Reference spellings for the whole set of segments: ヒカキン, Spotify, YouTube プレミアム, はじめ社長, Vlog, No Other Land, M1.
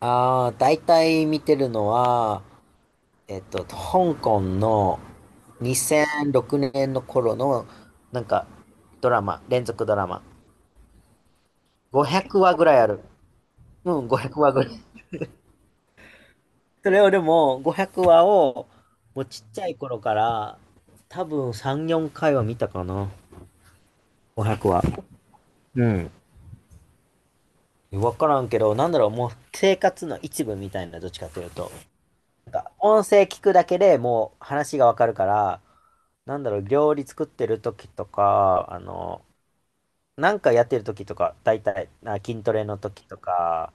ああ、大体見てるのは、香港の2006年の頃の、なんか、ドラマ、連続ドラマ。500話ぐらいある。うん、500話ぐらい。それをでも、500話を、もうちっちゃい頃から、多分3、4回は見たかな。500話。うん。わからんけど、なんだろう、もう生活の一部みたいな、どっちかというと。なんか音声聞くだけでもう話がわかるから、なんだろう、料理作ってる時とか、なんかやってる時とか、大体、あ、筋トレの時とか、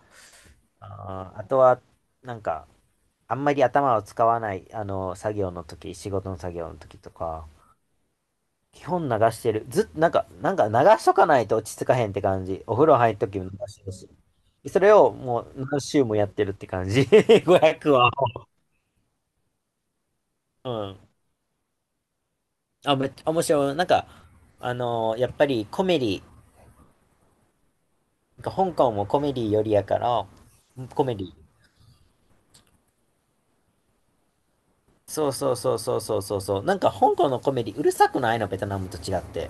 あとは、なんか、あんまり頭を使わない、作業の時、仕事の作業の時とか、基本流してる。ずっと、なんか、流しとかないと落ち着かへんって感じ。お風呂入る時も流してるし。それをもう何週もやってるって感じ。500は。うん。あ、めっちゃ面白い。なんか、やっぱりコメディ、なんか香港もコメディよりやから、コメディ。そうそうそうそうそうそうそう。なんか香港のコメディうるさくないの、ベトナムと違って。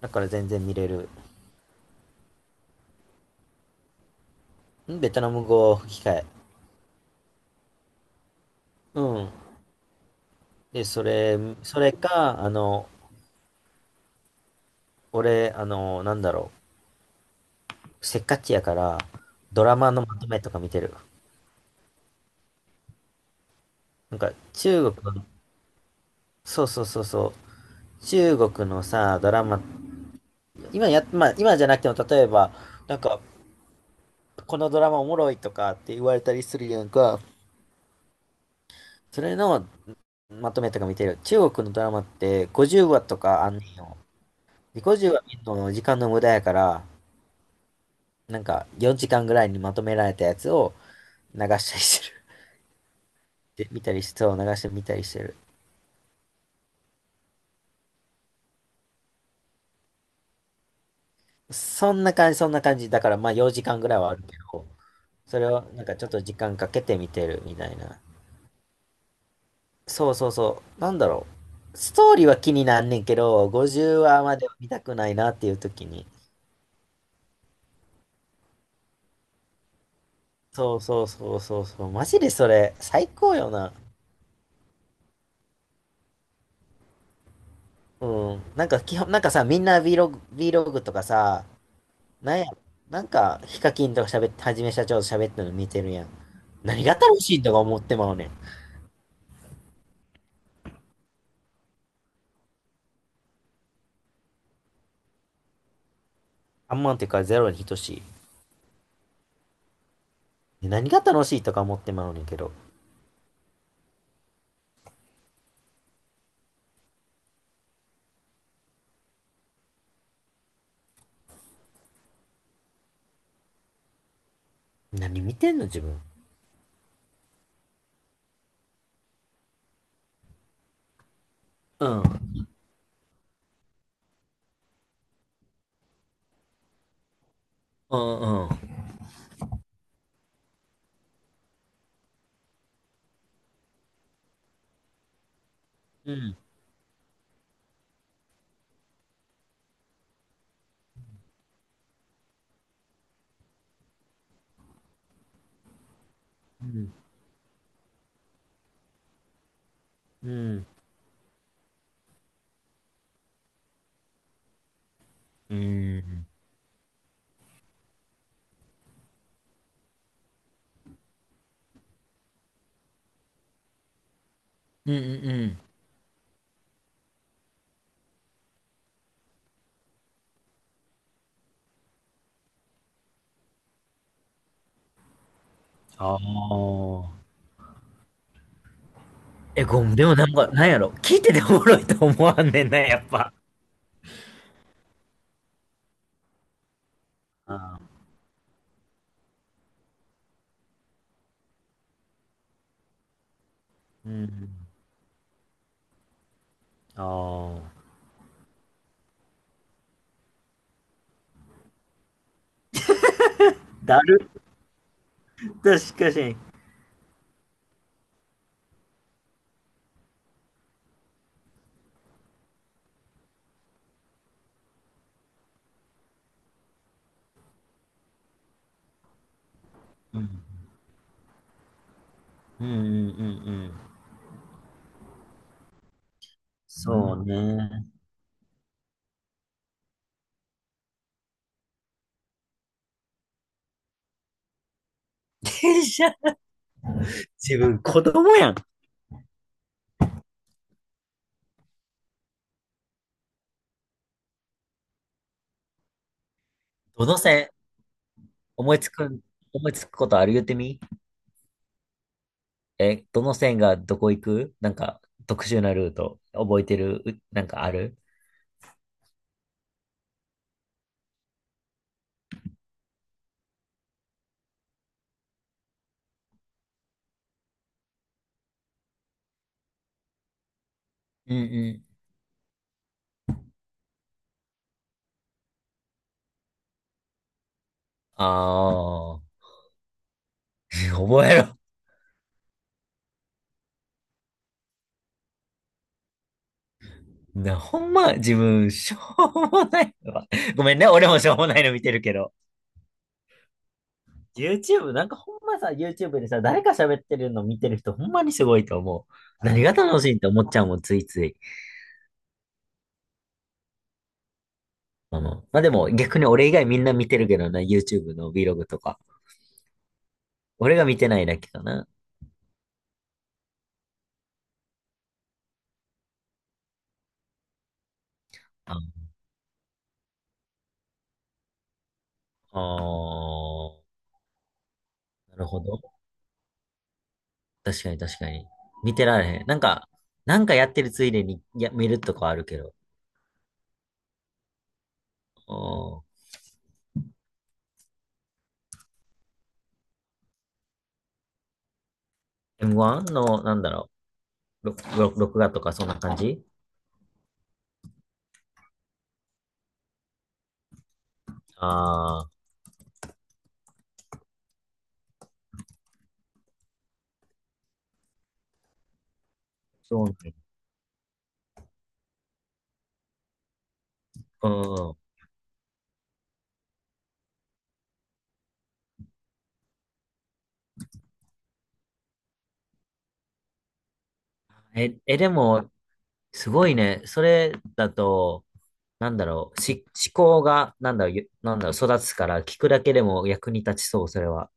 だから全然見れる。ベトナム語吹き替え。うん。で、それか、俺、なんだろう。せっかちやから、ドラマのまとめとか見てる。なんか、中国の、そうそうそうそう。中国のさ、ドラマ、今や、まあ、今じゃなくても、例えば、なんか、このドラマおもろいとかって言われたりするやんか。それのまとめとか見てる。中国のドラマって50話とかあんねんよ。で、50話見るの時間の無駄やから、なんか4時間ぐらいにまとめられたやつを流したりしてる。で、見たりして、そう流して見たりしてる。そんな感じ、そんな感じ。だからまあ4時間ぐらいはあるけど、それをなんかちょっと時間かけて見てるみたいな。そうそうそう。なんだろう。ストーリーは気になんねんけど、50話までは見たくないなっていう時にそうそうそうそうそう。マジでそれ、最高よな。うん。なんか基本、なんかさ、みんな Vlog とかさ、なんや、なんか、ヒカキンとか喋って、はじめ社長と喋ってるの見てるやん。何が楽しいとか思ってまうねん。あんまんっていうかゼロに等しい。ね何が楽しいとか思ってまうねんけど。何見てんの自分。うん。うんうん。うん。うん。うん。うん。うんうんうん。ああ。え、ごめん、でもなんか、なんやろ。聞いてておもろいと思わんねんな、やっぱ。ああ、うん。ああ。だるっとしかし、うん。うんうんうんうん。そうね。電車、自分子供やん。どの線思いつく、思いつくことある言ってみえ、どの線がどこ行くなんか特殊なルート覚えてるなんかあるうんうん。ああ、覚えろ。な、ほんま、自分、しょうもないわ。ごめんね、俺もしょうもないの見てるけど。YouTube、なんかほんまさ、YouTube でさ、誰か喋ってるの見てる人ほんまにすごいと思う。何が楽しいって思っちゃうもん、ついつい。うん。まあでも逆に俺以外みんな見てるけどな、YouTube の Vlog とか。俺が見てないだけかな。ああー、なるほど。確かに確かに。見てられへん。なんか、やってるついでに見るとかあるけど。う M1 の、なんだろう、録画とかそんな感じ。ああー、そうね。うん。え、え、でも、すごいね。それだと、なんだろう、思考が、なんだろう、なんだろう、育つから、聞くだけでも役に立ちそう、それは。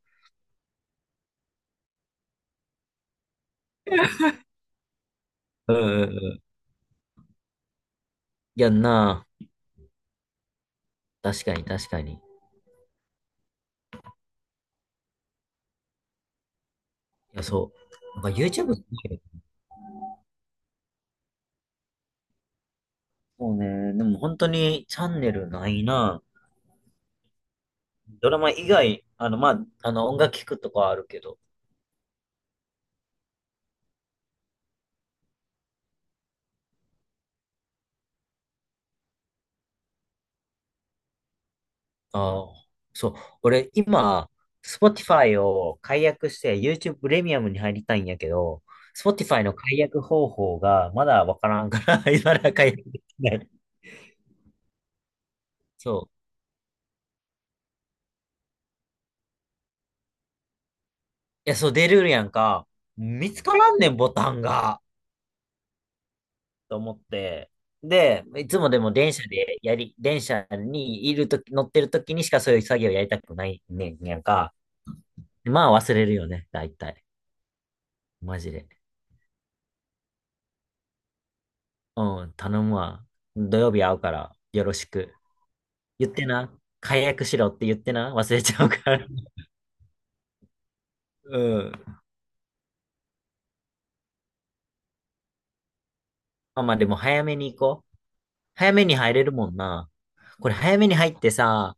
うんうんうん。いやんなあ。確かに、確かに。いや、そう。なんか YouTube ってる、そうね。でも本当にチャンネルないな。ドラマ以外、まあ、音楽聞くとかはあるけど、ああ、そう。俺、今、Spotify を解約して YouTube プレミアムに入りたいんやけど、Spotify の解約方法がまだわからんから、今だ解約できない。そう。いや、そう、出るやんか。見つからんねん、ボタンが。と思って。で、いつもでも電車でやり、電車にいるとき、乗ってるときにしかそういう作業やりたくないねんやんか。まあ忘れるよね、大体。マジで。うん、頼むわ。土曜日会うから、よろしく。言ってな。解約しろって言ってな。忘れちゃうから。うん。まあまあでも早めに行こう。早めに入れるもんな。これ早めに入ってさ、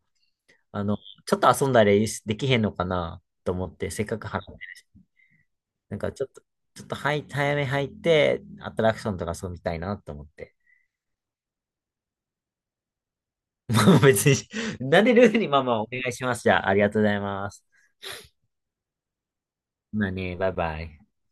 あの、ちょっと遊んだりできへんのかなと思って、せっかく払って。なんかちょっと、ちょっと早め入って、アトラクションとか遊びたいなと思って。まあ別に、慣れるようにまあまあお願いします。じゃあ、ありがとうございます。まあね、バイバイ。